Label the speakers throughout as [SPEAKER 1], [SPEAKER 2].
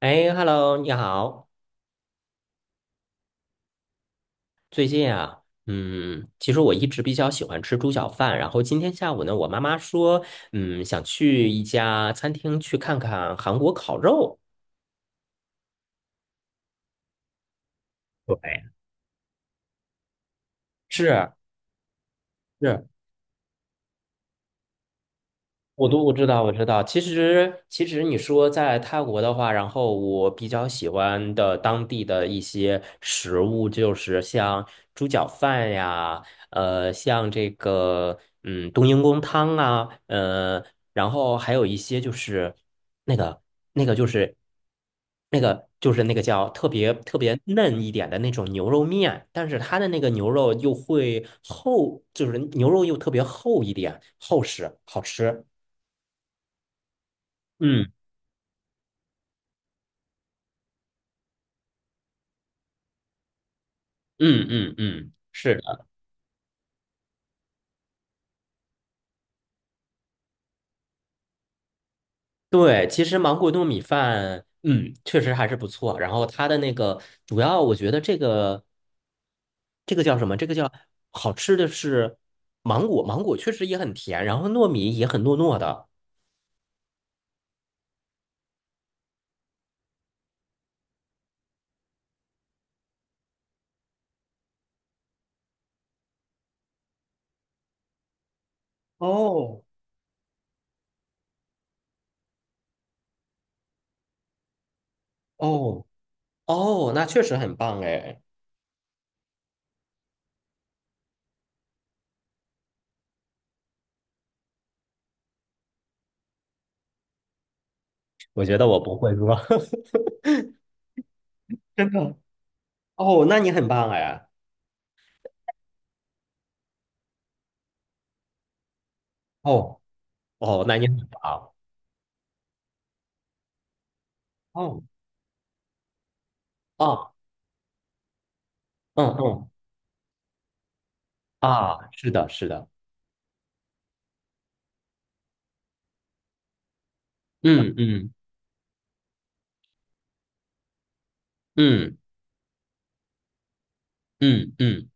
[SPEAKER 1] 哎，Hello，你好。最近啊，其实我一直比较喜欢吃猪脚饭。然后今天下午呢，我妈妈说，想去一家餐厅去看看韩国烤肉。对，是是，我知道，我知道。其实你说在泰国的话，然后我比较喜欢的当地的一些食物，就是像猪脚饭呀，像这个冬阴功汤啊，然后还有一些那个那个就是那个叫特别特别嫩一点的那种牛肉面，但是它的那个牛肉又会厚，就是牛肉又特别厚一点，厚实，好吃。嗯嗯嗯嗯，是的。对，其实芒果糯米饭，确实还是不错。然后它的那个主要，我觉得这个叫什么？这个叫好吃的是芒果，芒果确实也很甜，然后糯米也很糯糯的。哦哦哦，那确实很棒哎！我觉得我不会说，真的。哦，那你很棒哎！哦哦，那你很棒。哦哦，嗯嗯啊，是的，是的，嗯嗯嗯嗯嗯。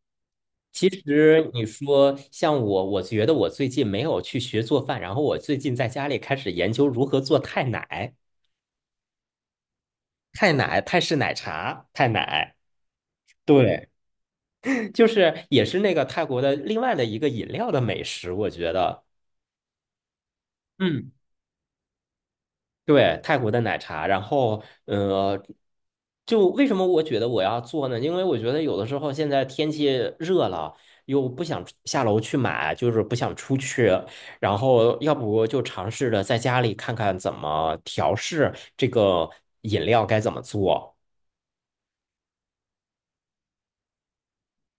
[SPEAKER 1] 其实你说像我，我觉得我最近没有去学做饭，然后我最近在家里开始研究如何做泰奶、泰式奶茶、泰奶，对，就是也是那个泰国的另外的一个饮料的美食，我觉得，嗯。对，泰国的奶茶，然后就为什么我觉得我要做呢？因为我觉得有的时候现在天气热了，又不想出下楼去买，就是不想出去，然后要不就尝试着在家里看看怎么调试这个饮料该怎么做，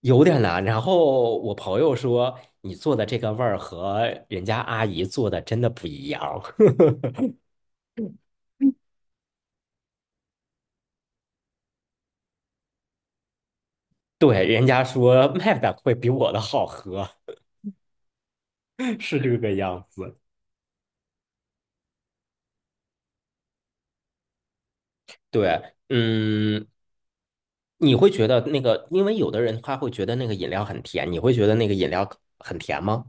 [SPEAKER 1] 有点难。然后我朋友说，你做的这个味儿和人家阿姨做的真的不一样，对，人家说 卖的会比我的好喝，是这个样子。对，嗯，你会觉得那个，因为有的人他会觉得那个饮料很甜，你会觉得那个饮料很甜吗？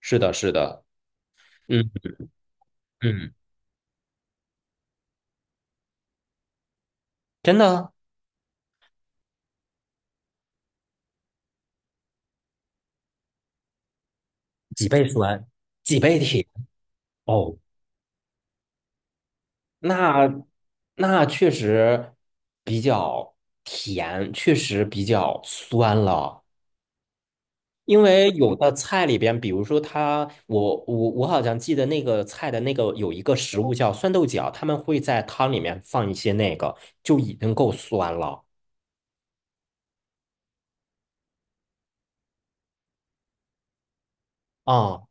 [SPEAKER 1] 是的，是的，嗯嗯，真的啊。几倍酸，几倍甜。哦，那那确实比较甜，确实比较酸了。因为有的菜里边，比如说它，我好像记得那个菜的那个有一个食物叫酸豆角，他们会在汤里面放一些那个，就已经够酸了啊。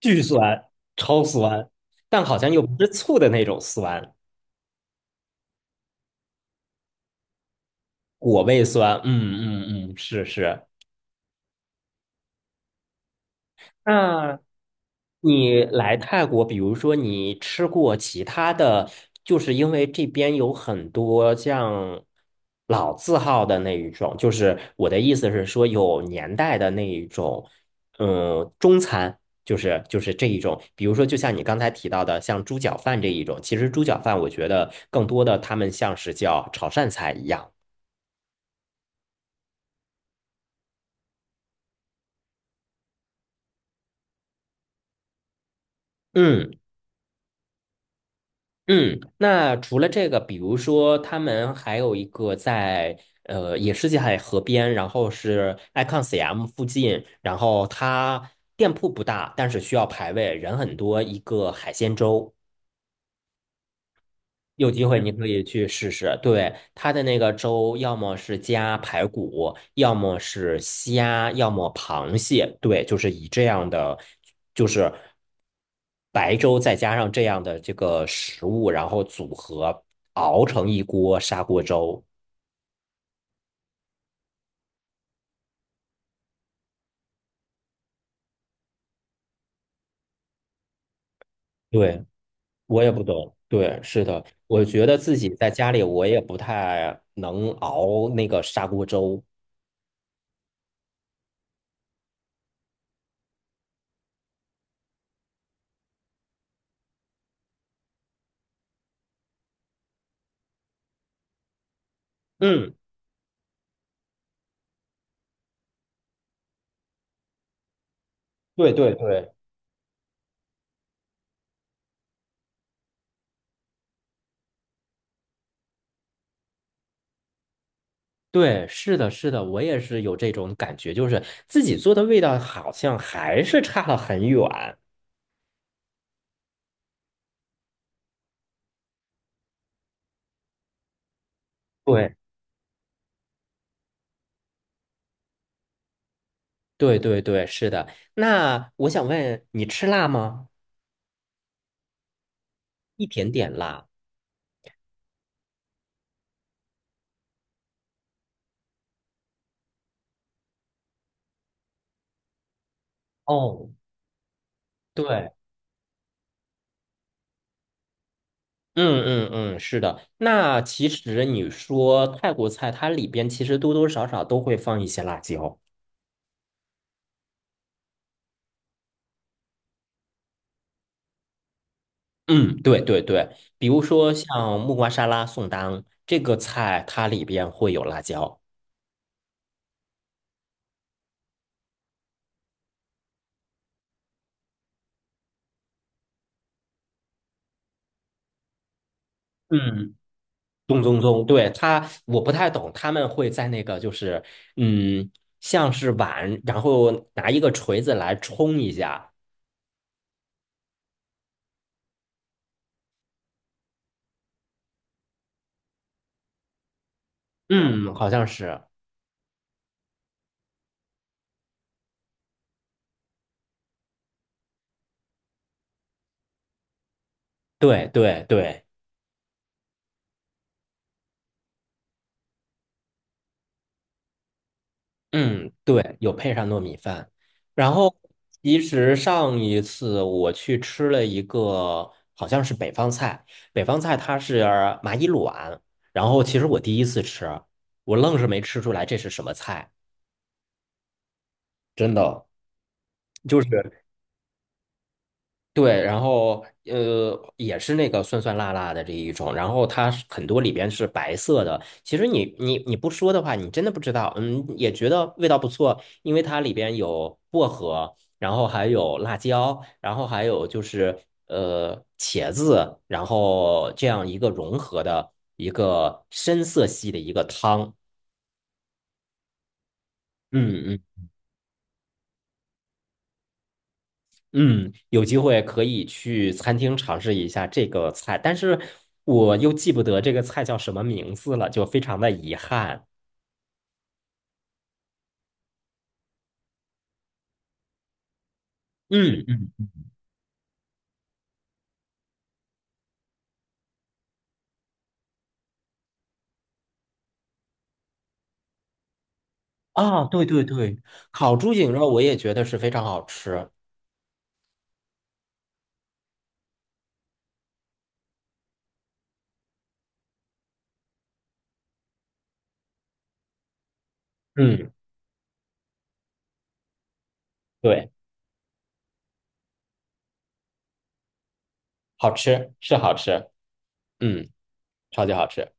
[SPEAKER 1] 巨酸，超酸，但好像又不是醋的那种酸，果味酸，嗯嗯嗯，是是。嗯，你来泰国，比如说你吃过其他的，就是因为这边有很多像老字号的那一种，就是我的意思是说有年代的那一种，嗯，中餐，就是这一种，比如说就像你刚才提到的，像猪脚饭这一种，其实猪脚饭我觉得更多的他们像是叫潮汕菜一样，嗯。嗯，那除了这个，比如说他们还有一个在也是在河边，然后是 Icon CM 附近，然后它店铺不大，但是需要排位，人很多，一个海鲜粥。有机会你可以去试试，对，它的那个粥，要么是加排骨，要么是虾，要么螃蟹，对，就是以这样的，就是白粥再加上这样的这个食物，然后组合熬成一锅砂锅粥。对，我也不懂，对，是的，我觉得自己在家里我也不太能熬那个砂锅粥。嗯，对对对。对，是的，是的，我也是有这种感觉，就是自己做的味道好像还是差了很远。对，对，对，对，是的。那我想问你吃辣吗？一点点辣。哦，对，嗯嗯嗯，是的。那其实你说泰国菜，它里边其实多多少少都会放一些辣椒。嗯，对对对，比如说像木瓜沙拉、宋当这个菜，它里边会有辣椒。嗯咚咚咚，对，他，我不太懂，他们会在那个就是，嗯，像是碗，然后拿一个锤子来冲一下，嗯，好像是，对对对，嗯，对，有配上糯米饭。然后其实上一次我去吃了一个，好像是北方菜，北方菜它是蚂蚁卵，然后其实我第一次吃，我愣是没吃出来这是什么菜，真的。就是对，然后也是那个酸酸辣辣的这一种，然后它是很多里边是白色的。其实你不说的话，你真的不知道，嗯，也觉得味道不错，因为它里边有薄荷，然后还有辣椒，然后还有就是茄子，然后这样一个融合的一个深色系的一个汤。嗯嗯嗯，有机会可以去餐厅尝试一下这个菜，但是我又记不得这个菜叫什么名字了，就非常的遗憾。嗯，嗯，啊，对对对，烤猪颈肉我也觉得是非常好吃。嗯，对，好吃，是好吃，嗯，超级好吃。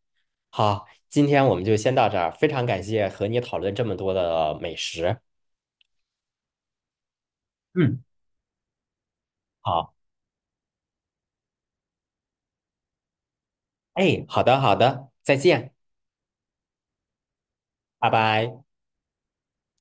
[SPEAKER 1] 好，今天我们就先到这儿，非常感谢和你讨论这么多的美食。嗯，好，哎，好的好的，再见，拜拜。